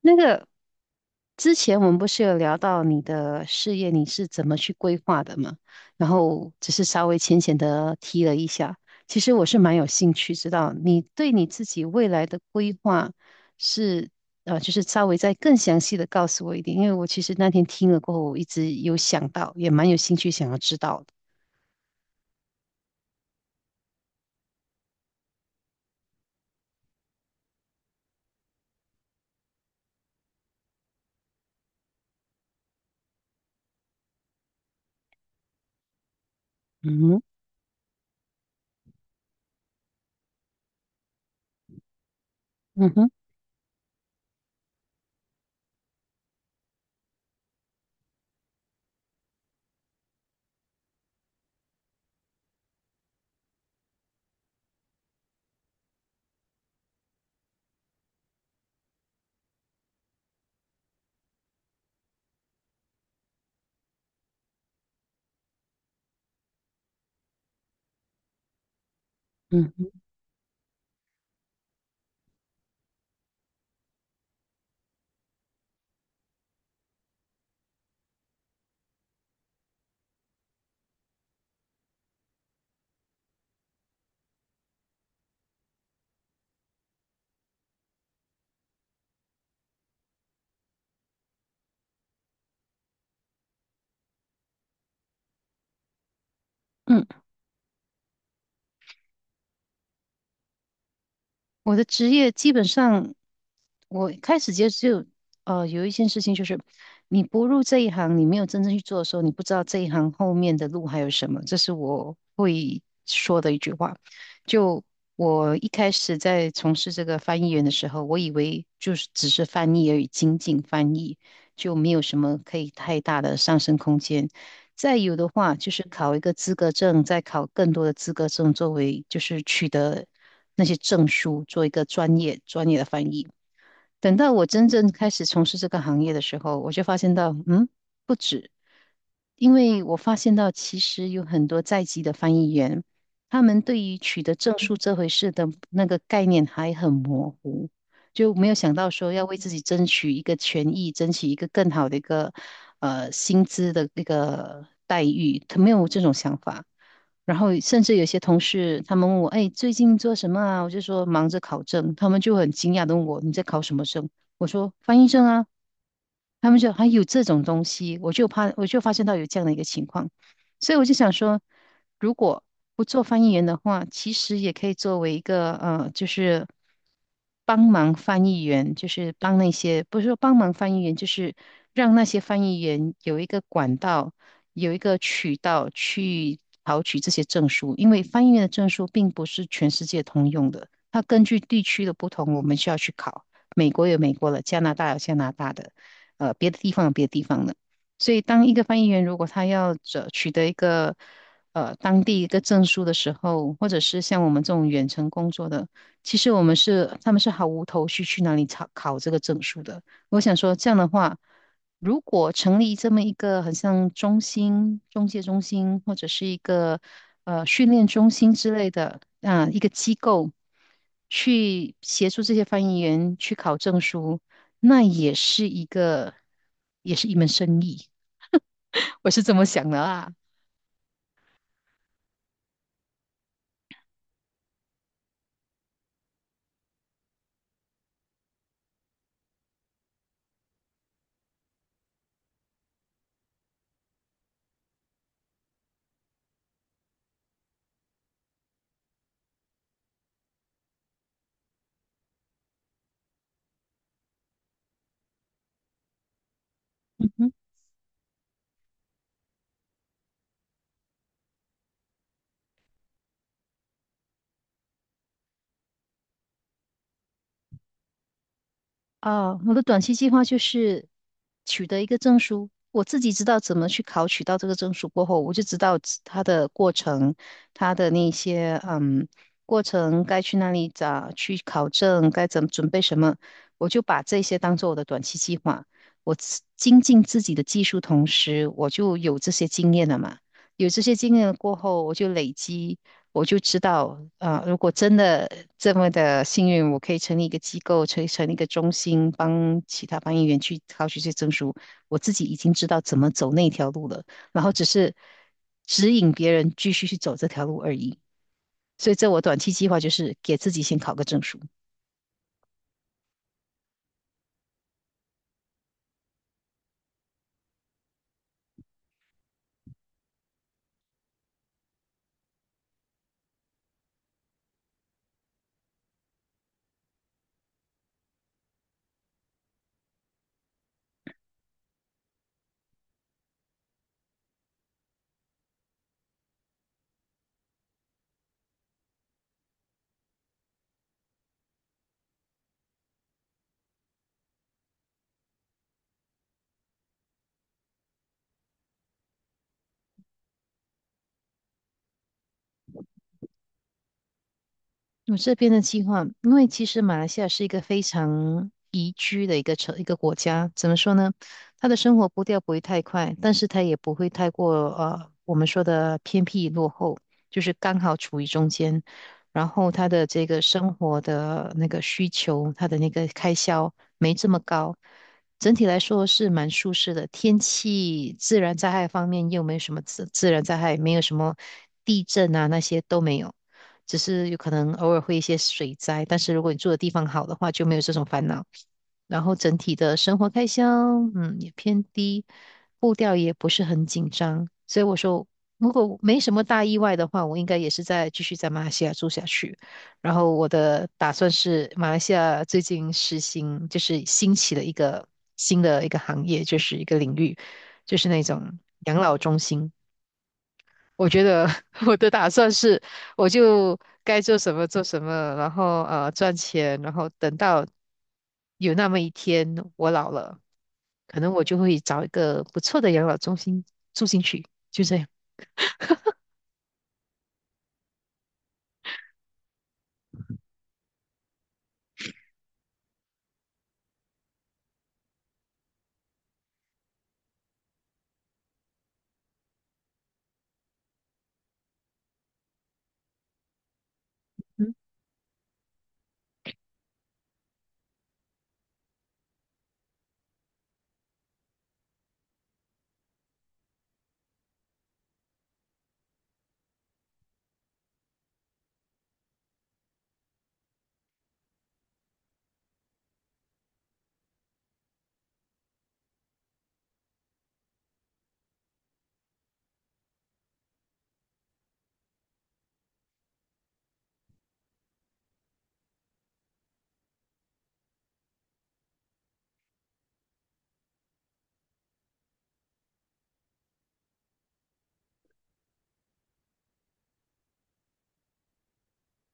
那个之前我们不是有聊到你的事业，你是怎么去规划的吗？然后只是稍微浅浅的提了一下，其实我是蛮有兴趣知道你对你自己未来的规划。是。就是稍微再更详细的告诉我一点，因为我其实那天听了过后，我一直有想到，也蛮有兴趣想要知道的。嗯哼。嗯哼。嗯哼。嗯，我的职业基本上。我开始接触，有一件事情就是，你不入这一行，你没有真正去做的时候，你不知道这一行后面的路还有什么。这是我会说的一句话。就我一开始在从事这个翻译员的时候，我以为就是只是翻译而已，仅仅翻译，就没有什么可以太大的上升空间。再有的话，就是考一个资格证，再考更多的资格证，作为就是取得那些证书，做一个专业的翻译。等到我真正开始从事这个行业的时候，我就发现到，不止，因为我发现到其实有很多在籍的翻译员，他们对于取得证书这回事的那个概念还很模糊。就没有想到说要为自己争取一个权益，争取一个更好的一个薪资的一个待遇，他没有这种想法。然后甚至有些同事他们问我，哎，最近做什么啊？我就说忙着考证，他们就很惊讶的问我，你在考什么证？我说翻译证啊。他们就还有这种东西，我就怕，我就发现到有这样的一个情况。所以我就想说，如果不做翻译员的话，其实也可以作为一个就是帮忙翻译员，就是帮那些不是说帮忙翻译员，就是让那些翻译员有一个管道，有一个渠道去考取这些证书，因为翻译员的证书并不是全世界通用的，它根据地区的不同，我们需要去考。美国有美国的，加拿大有加拿大的，别的地方有别的地方的。所以，当一个翻译员如果他要这取得一个当地一个证书的时候，或者是像我们这种远程工作的，其实我们是他们是毫无头绪去哪里考考这个证书的。我想说，这样的话，如果成立这么一个很像中心、中介中心，或者是一个训练中心之类的啊、一个机构，去协助这些翻译员去考证书，那也是一门生意。我是这么想的啊。嗯哼。哦，我的短期计划就是取得一个证书。我自己知道怎么去考取到这个证书过后，我就知道自它的过程，它的那些过程该去哪里找去考证，该怎么准备什么，我就把这些当做我的短期计划。我自精进自己的技术，同时我就有这些经验了嘛。有这些经验了过后，我就累积我就知道，如果真的这么的幸运，我可以成立一个机构，成立一个中心，帮其他翻译员去考取这些证书。我自己已经知道怎么走那条路了，然后只是指引别人继续去走这条路而已。所以，这我短期计划就是给自己先考个证书。我这边的计划，因为其实马来西亚是一个非常宜居的一个国家，怎么说呢？他的生活步调不会太快，但是他也不会太过我们说的偏僻落后，就是刚好处于中间。然后他的这个生活的那个需求，他的那个开销没这么高，整体来说是蛮舒适的。天气、自然灾害方面又没有什么自然灾害，没有什么地震啊那些都没有。只是有可能偶尔会一些水灾，但是如果你住的地方好的话，就没有这种烦恼。然后整体的生活开销，也偏低，步调也不是很紧张，所以我说，如果没什么大意外的话，我应该也是在继续在马来西亚住下去。然后我的打算是，马来西亚最近实行就是兴起了一个新的一个行业，就是一个领域，就是那种养老中心。我觉得 我的打算是，我就该做什么做什么，然后赚钱，然后等到有那么一天我老了，可能我就会找一个不错的养老中心住进去，就这样。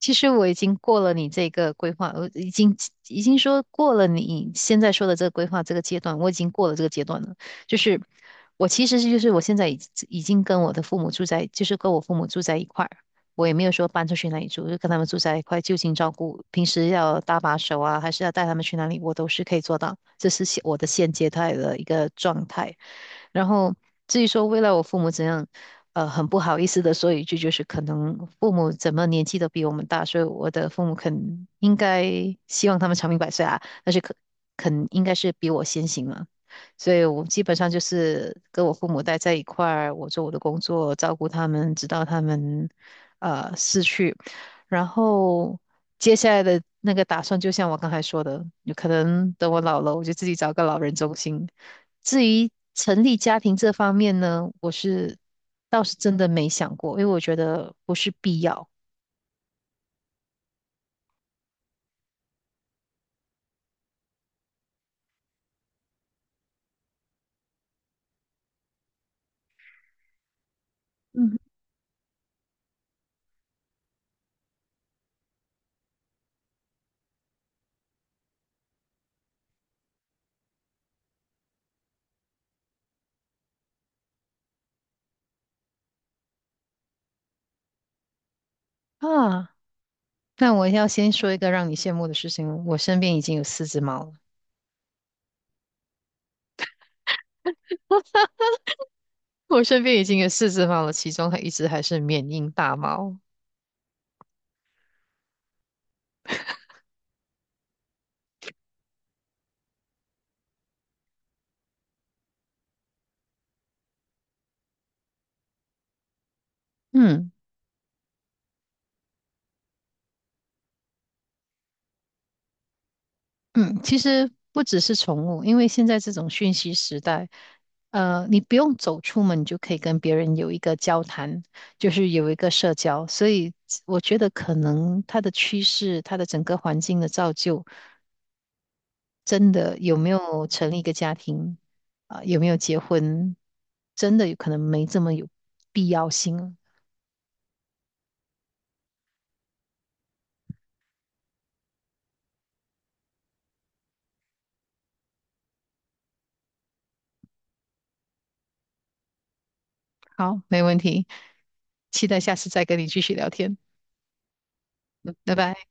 其实我已经过了你这个规划，我已经说过了你现在说的这个规划这个阶段，我已经过了这个阶段了。就是我其实是就是我现在已经跟我的父母住在，就是跟我父母住在一块儿，我也没有说搬出去哪里住，就跟他们住在一块，就近照顾，平时要搭把手啊，还是要带他们去哪里，我都是可以做到。这是我的现阶段的一个状态。然后至于说未来我父母怎样，很不好意思的说一句，就是可能父母怎么年纪都比我们大，所以我的父母肯应该希望他们长命百岁啊，但是肯应该是比我先行了，所以我基本上就是跟我父母待在一块儿，我做我的工作，照顾他们，直到他们逝去。然后接下来的那个打算，就像我刚才说的，有可能等我老了，我就自己找个老人中心。至于成立家庭这方面呢，倒是真的没想过，因为我觉得不是必要。嗯。啊。那我要先说一个让你羡慕的事情，我身边已经有四只猫了，我身边已经有四只猫了，其中还一只还是缅因大猫。嗯。嗯，其实不只是宠物，因为现在这种讯息时代，你不用走出门，你就可以跟别人有一个交谈，就是有一个社交。所以我觉得可能它的趋势，它的整个环境的造就，真的有没有成立一个家庭，啊、有没有结婚，真的有可能没这么有必要性了。好，没问题，期待下次再跟你继续聊天，拜拜。